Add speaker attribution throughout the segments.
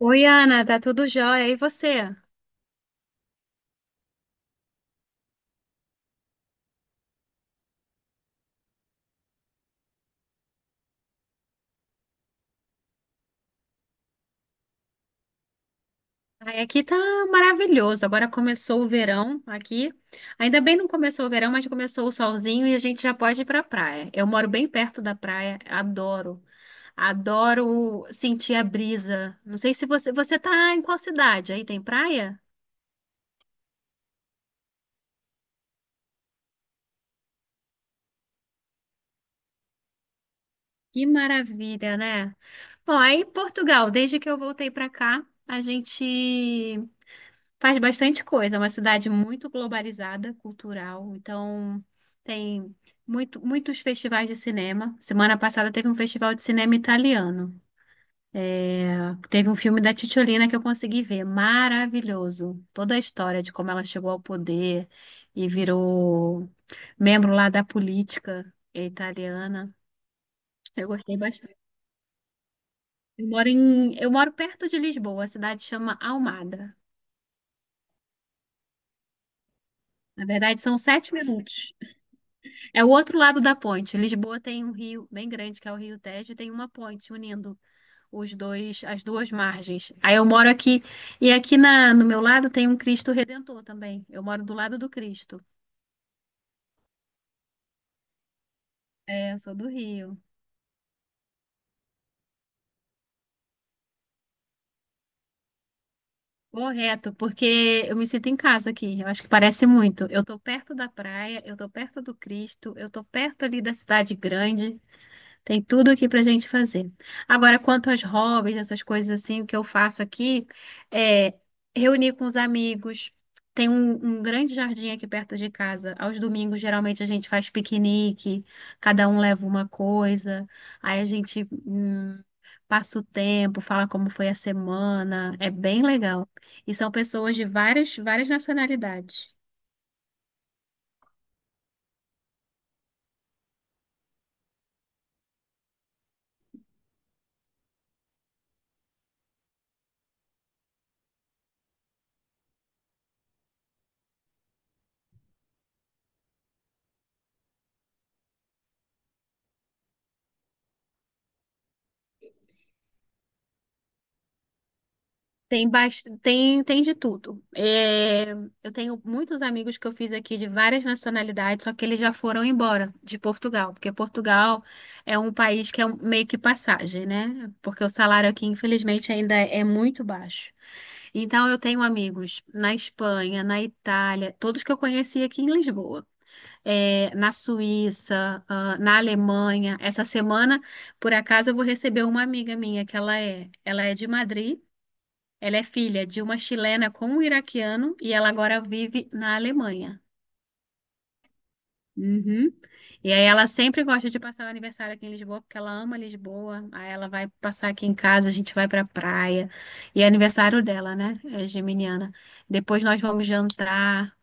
Speaker 1: Oi, Ana, tá tudo jóia? E você? Ai, aqui tá maravilhoso. Agora começou o verão aqui. Ainda bem não começou o verão, mas começou o solzinho e a gente já pode ir pra praia. Eu moro bem perto da praia, adoro. Adoro sentir a brisa. Não sei se você tá em qual cidade? Aí tem praia? Que maravilha, né? Bom, aí em Portugal, desde que eu voltei pra cá, a gente faz bastante coisa, é uma cidade muito globalizada, cultural. Então, tem muitos festivais de cinema. Semana passada teve um festival de cinema italiano. É, teve um filme da Cicciolina que eu consegui ver. Maravilhoso. Toda a história de como ela chegou ao poder e virou membro lá da política italiana. Eu gostei bastante. Eu moro perto de Lisboa, a cidade chama Almada. Na verdade, são sete minutos. É o outro lado da ponte. Lisboa tem um rio bem grande, que é o Rio Tejo, e tem uma ponte unindo os dois, as duas margens. Aí eu moro aqui, e aqui no meu lado tem um Cristo Redentor também. Eu moro do lado do Cristo. É, eu sou do Rio. Correto, porque eu me sinto em casa aqui. Eu acho que parece muito. Eu tô perto da praia, eu tô perto do Cristo, eu tô perto ali da cidade grande. Tem tudo aqui pra gente fazer. Agora, quanto aos hobbies, essas coisas assim, o que eu faço aqui é reunir com os amigos. Tem um grande jardim aqui perto de casa. Aos domingos, geralmente, a gente faz piquenique, cada um leva uma coisa, aí a gente passa o tempo, fala como foi a semana. É bem legal. E são pessoas de várias nacionalidades. Tem de tudo. É, eu tenho muitos amigos que eu fiz aqui de várias nacionalidades, só que eles já foram embora de Portugal, porque Portugal é um país que meio que passagem, né? Porque o salário aqui, infelizmente, ainda é muito baixo. Então, eu tenho amigos na Espanha, na Itália, todos que eu conheci aqui em Lisboa, é, na Suíça, ah, na Alemanha. Essa semana, por acaso, eu vou receber uma amiga minha, que ela é de Madrid. Ela é filha de uma chilena com um iraquiano e ela agora vive na Alemanha. Uhum. E aí ela sempre gosta de passar o aniversário aqui em Lisboa, porque ela ama Lisboa. Aí ela vai passar aqui em casa, a gente vai pra praia. E é aniversário dela, né? É geminiana. Depois nós vamos jantar.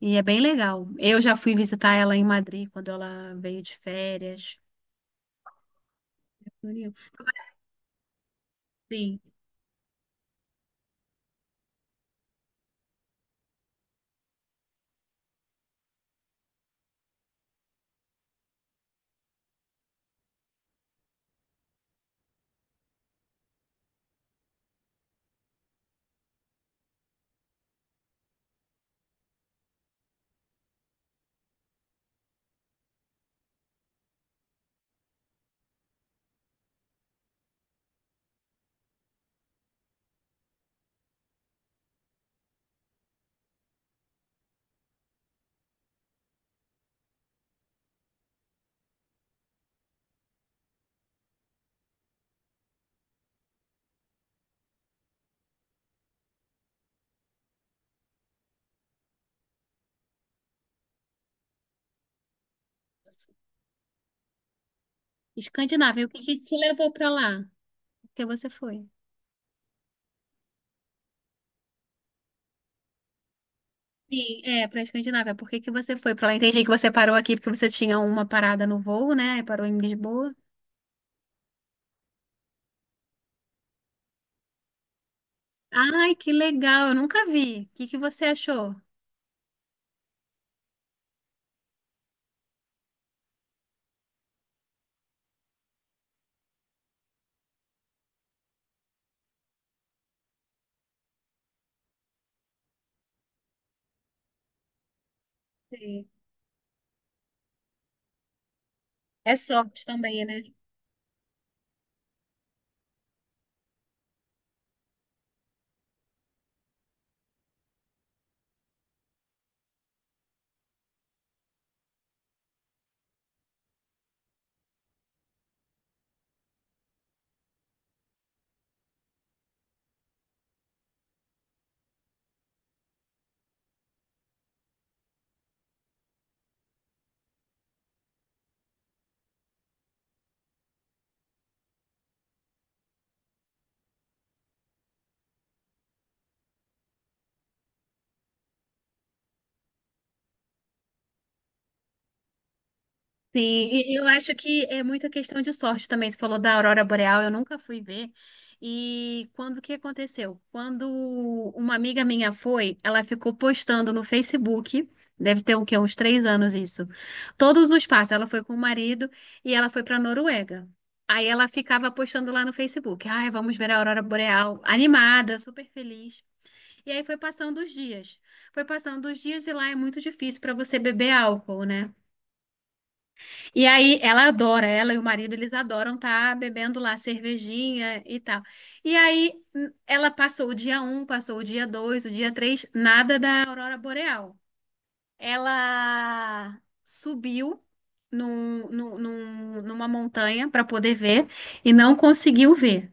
Speaker 1: E é bem legal. Eu já fui visitar ela em Madrid quando ela veio de férias. Bonito. Sim. Escandinávia, o que que te levou pra lá? Por que você foi? Sim, é, pra Escandinávia. Por que que você foi pra lá? Entendi que você parou aqui porque você tinha uma parada no voo, né? Aí parou em Lisboa. Ai, que legal, eu nunca vi. O que que você achou? Sim. É sorte também, né? Sim, e eu acho que é muita questão de sorte também. Você falou da aurora boreal, eu nunca fui ver. E quando que aconteceu? Quando uma amiga minha foi, ela ficou postando no Facebook, deve ter o quê? Uns três anos isso. Todos os passos, ela foi com o marido e ela foi para Noruega. Aí ela ficava postando lá no Facebook, ai, vamos ver a aurora boreal, animada, super feliz. E aí foi passando os dias. Foi passando os dias e lá é muito difícil para você beber álcool, né? E aí ela adora, ela e o marido, eles adoram estar bebendo lá cervejinha e tal. E aí ela passou o dia um, passou o dia 2, o dia 3 nada da aurora boreal. Ela subiu numa montanha para poder ver e não conseguiu ver.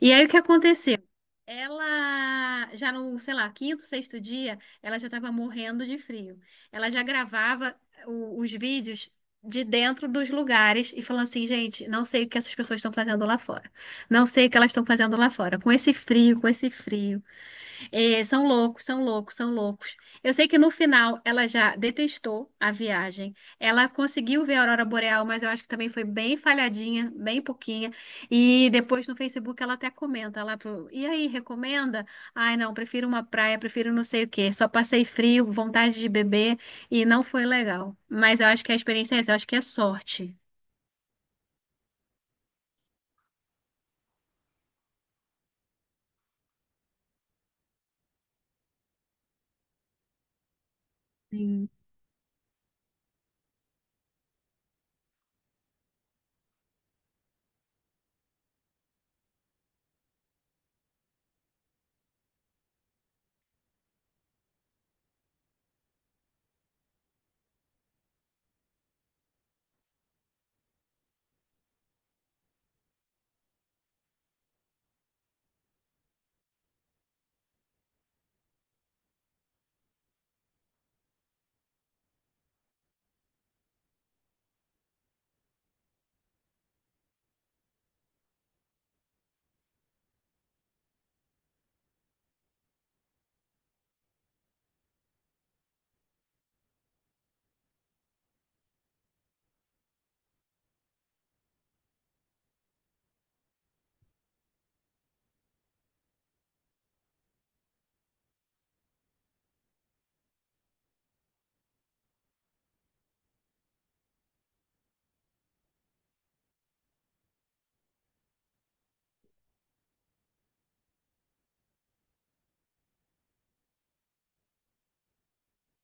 Speaker 1: E aí o que aconteceu? Ela já no, sei lá, quinto, sexto dia, ela já estava morrendo de frio. Ela já gravava os vídeos de dentro dos lugares e falando assim, gente, não sei o que essas pessoas estão fazendo lá fora. Não sei o que elas estão fazendo lá fora. Com esse frio, com esse frio. É, são loucos, são loucos, são loucos. Eu sei que no final ela já detestou a viagem. Ela conseguiu ver a aurora boreal, mas eu acho que também foi bem falhadinha, bem pouquinha. E depois no Facebook ela até comenta lá e aí, recomenda? Ai, não, prefiro uma praia, prefiro não sei o quê. Só passei frio, vontade de beber e não foi legal. Mas eu acho que a experiência é essa, eu acho que é sorte. Sim,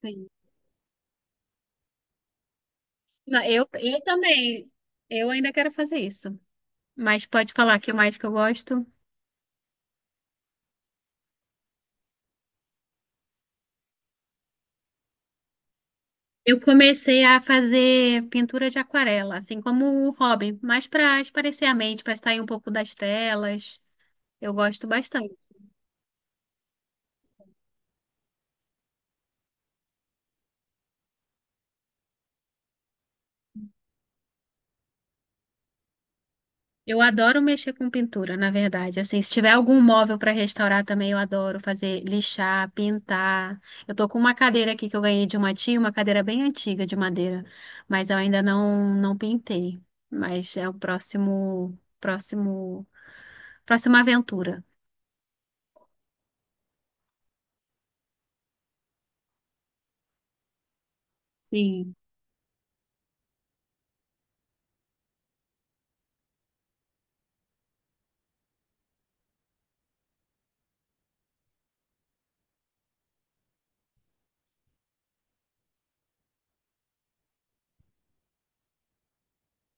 Speaker 1: sim. Não, eu também. Eu ainda quero fazer isso. Mas pode falar que mais que eu gosto. Eu comecei a fazer pintura de aquarela, assim como o Robin, mas para espairecer a mente, para sair um pouco das telas. Eu gosto bastante. Eu adoro mexer com pintura, na verdade. Assim, se tiver algum móvel para restaurar também, eu adoro fazer lixar, pintar. Eu tô com uma cadeira aqui que eu ganhei de uma tia, uma cadeira bem antiga de madeira, mas eu ainda não pintei. Mas é o próximo próximo próxima aventura. Sim.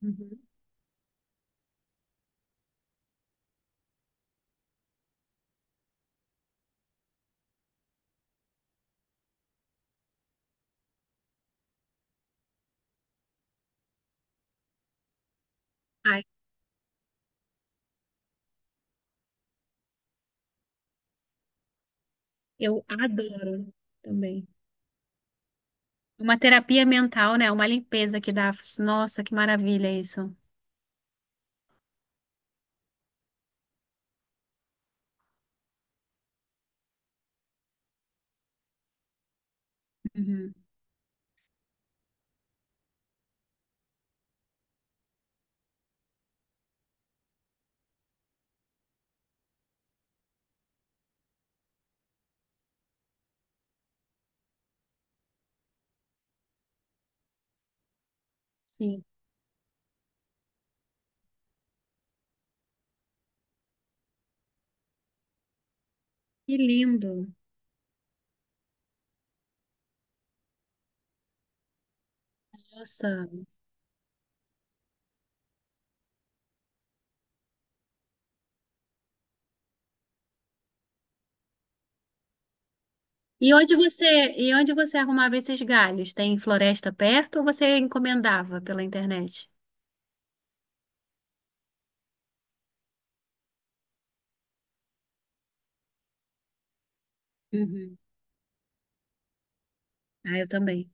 Speaker 1: Uhum. Ai, eu adoro também. Uma terapia mental, né? Uma limpeza que dá. Nossa, que maravilha isso. Uhum. Sim. Que lindo. Nossa. E onde você, e onde você arrumava esses galhos? Tem floresta perto ou você encomendava pela internet? Uhum. Ah, eu também.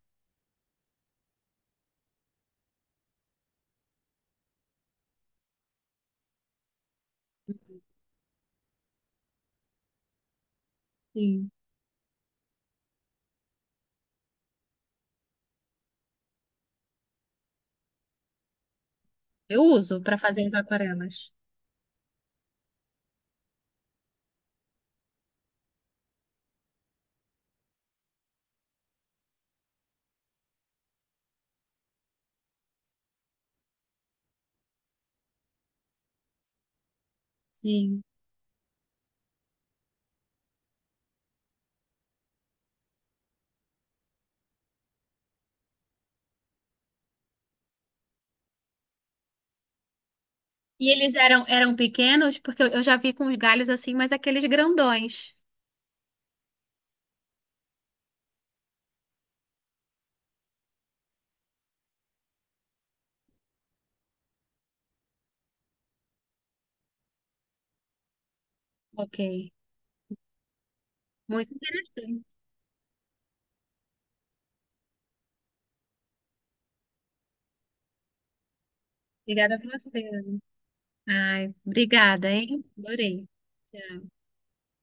Speaker 1: Sim. Eu uso para fazer as aquarelas. Sim. E eles eram pequenos porque eu já vi com os galhos assim, mas aqueles grandões. Ok. Muito interessante. Obrigada a você. Ai, obrigada, hein? Adorei. Tchau.